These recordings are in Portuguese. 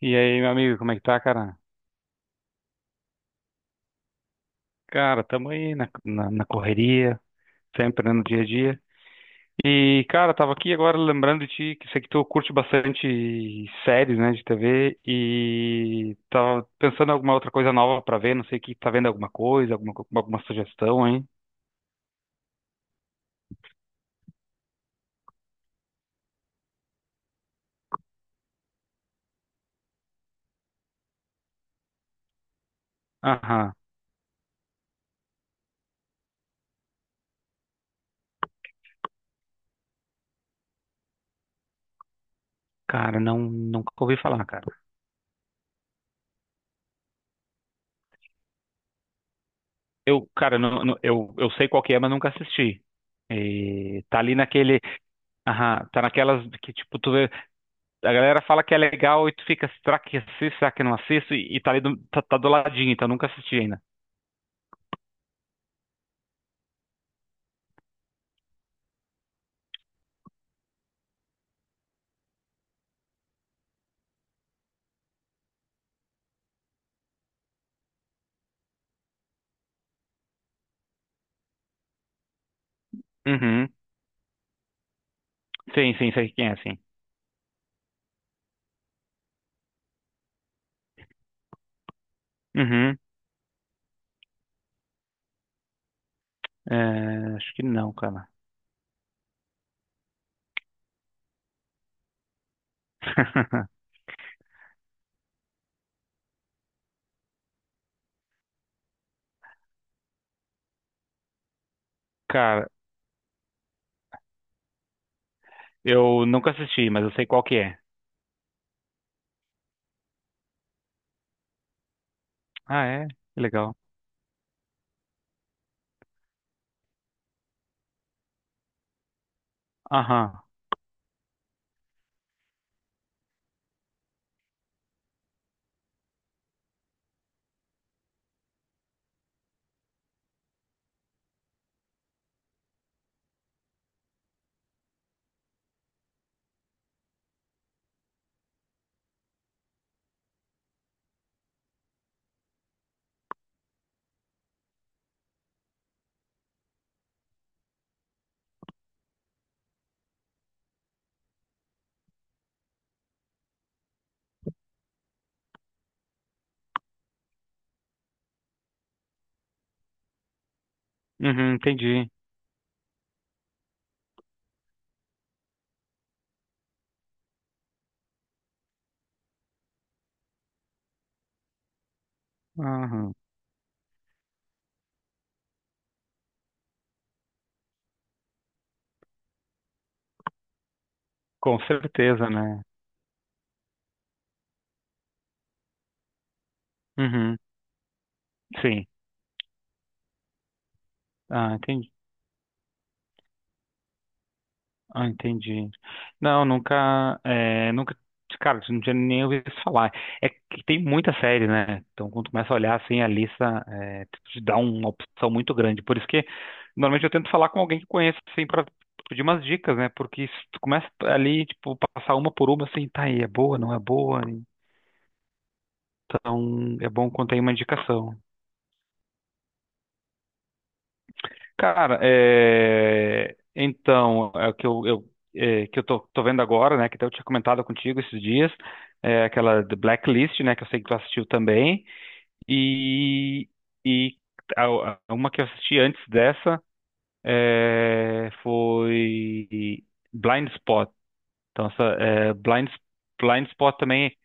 E aí, meu amigo, como é que tá, cara? Cara, tamo aí na correria, sempre né, no dia a dia. E, cara, tava aqui agora lembrando de ti, que sei que tu curte bastante séries, né, de TV, e tava pensando em alguma outra coisa nova pra ver, não sei que tá vendo alguma coisa, alguma sugestão, hein? Aham. Cara, não, nunca ouvi falar, cara. Eu, cara, não, eu sei qual que é, mas nunca assisti. E tá ali naquele, aham, tá naquelas que, tipo, tu vê. A galera fala que é legal e tu fica, será que assisto, será que não assisto? E tá ali tá do ladinho, então nunca assisti ainda. Uhum. Sim, sim, sei quem é, sim. Uhum. É, acho que não, cara. Cara, eu nunca assisti, mas eu sei qual que é. Ah, é? Que legal. Aham. Uhum, entendi. Aham. Com certeza, né? Uhum. Sim. Ah, entendi. Ah, entendi. Não, nunca, cara, não tinha nem ouvido falar. É que tem muita série, né? Então, quando começa a olhar assim a lista, te dá uma opção muito grande. Por isso que normalmente eu tento falar com alguém que conheça, assim, para pedir umas dicas, né? Porque se tu começa ali, tipo, passar uma por uma, assim, tá aí, é boa, não é boa. Então, é bom quando tem uma indicação. Cara, é... então, é o que eu, é, que eu tô vendo agora, né? Que até eu tinha comentado contigo esses dias, é aquela The Blacklist, né? Que eu sei que tu assistiu também. E, e uma que eu assisti antes dessa foi Blind Spot. Então, essa, Blind Spot também.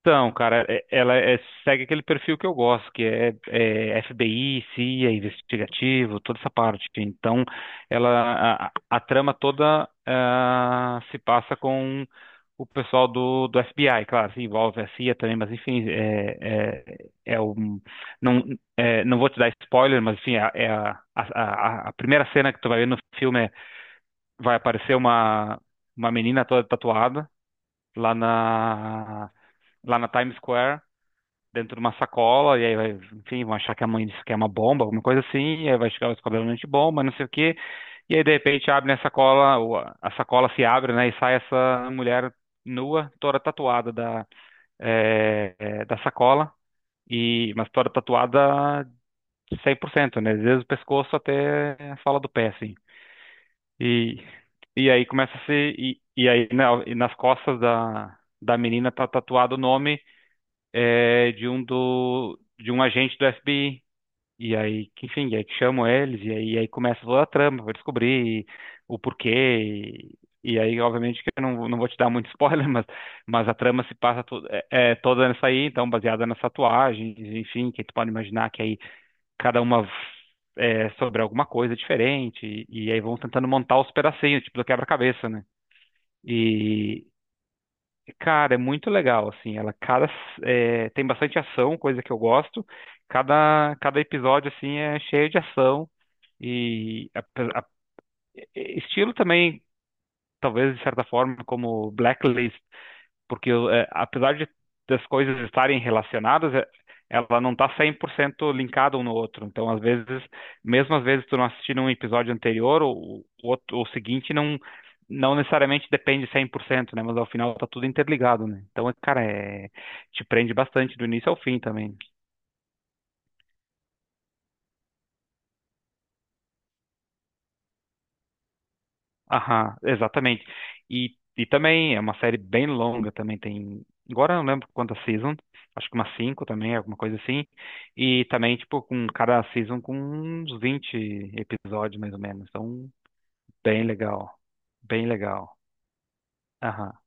Então, cara, segue aquele perfil que eu gosto, que é FBI, CIA, investigativo, toda essa parte. Então, a trama toda se passa com o pessoal do FBI, claro, se envolve a CIA também, mas enfim, é um, não, é, não vou te dar spoiler, mas enfim, é a primeira cena que tu vai ver no filme vai aparecer uma menina toda tatuada lá na, lá na Times Square dentro de uma sacola, e aí vai, enfim, vão achar que a mãe disse que é uma bomba, alguma coisa assim, e aí vai chegar o descobrimento de bomba, não sei o quê, e aí de repente abre a sacola, ou a sacola se abre, né, e sai essa mulher nua, toda tatuada da sacola, e, mas toda tatuada 100% né, desde o pescoço até a sola do pé, assim. E, e aí começa a se, e aí na- e nas costas da menina tá tatuado o nome de um do de um agente do FBI e aí, que, enfim, e aí que chamam eles, e aí começa toda a trama pra descobrir o porquê. E aí, obviamente, que eu não, não vou te dar muito spoiler, mas a trama se passa é toda nessa aí, então, baseada nas tatuagens, enfim, que tu pode imaginar que aí cada uma é sobre alguma coisa diferente, e aí vão tentando montar os pedacinhos, tipo do quebra-cabeça, né? E, cara, é muito legal, assim, ela tem bastante ação, coisa que eu gosto. Cada episódio, assim, é cheio de ação e estilo também, talvez de certa forma, como Blacklist, porque apesar de das coisas estarem relacionadas, ela não está 100% linkada um no outro. Então, às vezes, mesmo às vezes tu não assistindo um episódio anterior, o seguinte não necessariamente depende 100% né? Mas ao final tá tudo interligado, né? Então, cara, é, te prende bastante do início ao fim também. Aham, exatamente. E também é uma série bem longa, também tem. Agora eu não lembro quantas seasons, acho que umas 5 também, alguma coisa assim. E também, tipo, com cada season com uns 20 episódios, mais ou menos. Então, bem legal. Bem legal. Aham.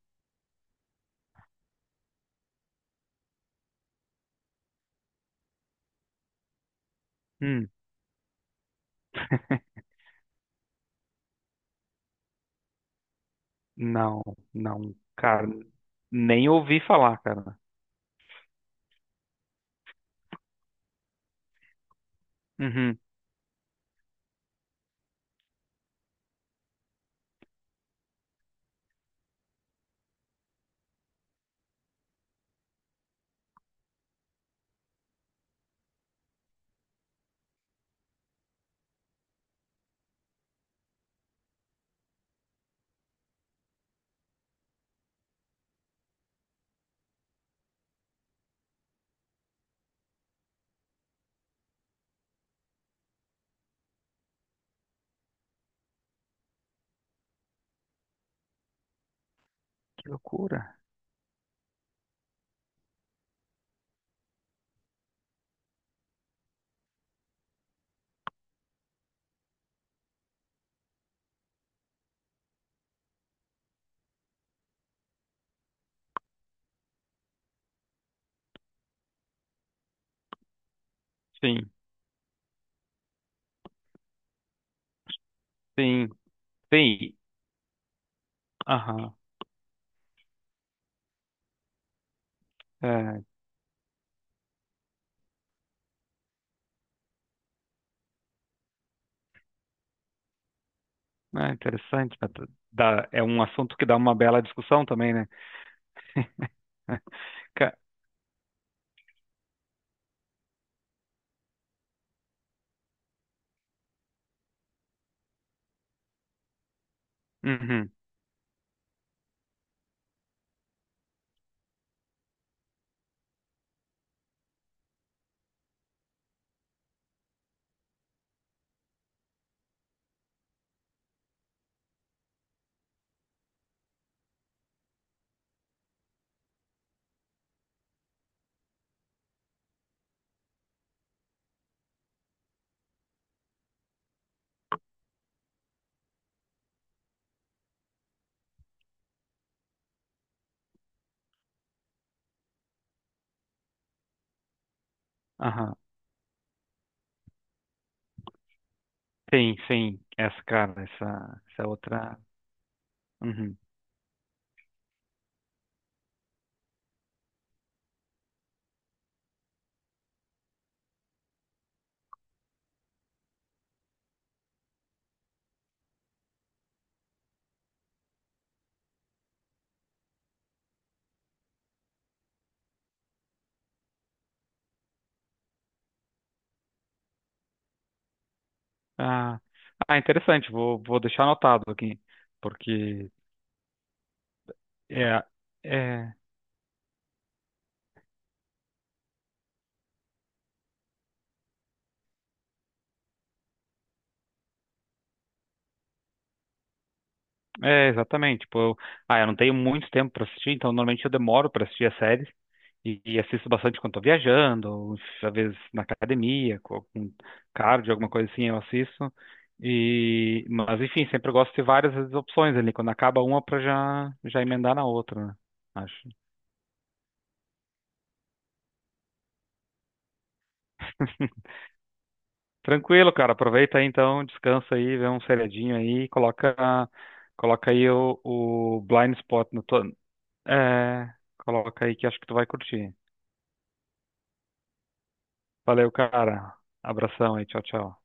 Hum, não, não, cara, nem ouvi falar, cara. Uhum. Que loucura. Sim, sim, sim. Aham. É. Ah, interessante. Dá- é um assunto que dá uma bela discussão também, né? Ca- Uhum, aham. Sim, sim. Essa, cara, essa é outra. Uhum. Ah, ah, interessante. Vou, vou deixar anotado aqui, porque é, é, é exatamente. Tipo, eu, ah, eu não tenho muito tempo para assistir, então normalmente eu demoro para assistir as séries. E assisto bastante quando estou viajando, ou às vezes na academia, com algum cardio, alguma coisa assim, eu assisto. E, mas enfim, sempre eu gosto de ter várias opções ali. Quando acaba uma, para já, já emendar na outra, né? Acho. Tranquilo, cara. Aproveita aí então, descansa aí, vê um seriadinho aí, coloca, coloca aí o Blind Spot no teu. É, coloca aí que acho que tu vai curtir. Valeu, cara. Abração aí, tchau, tchau.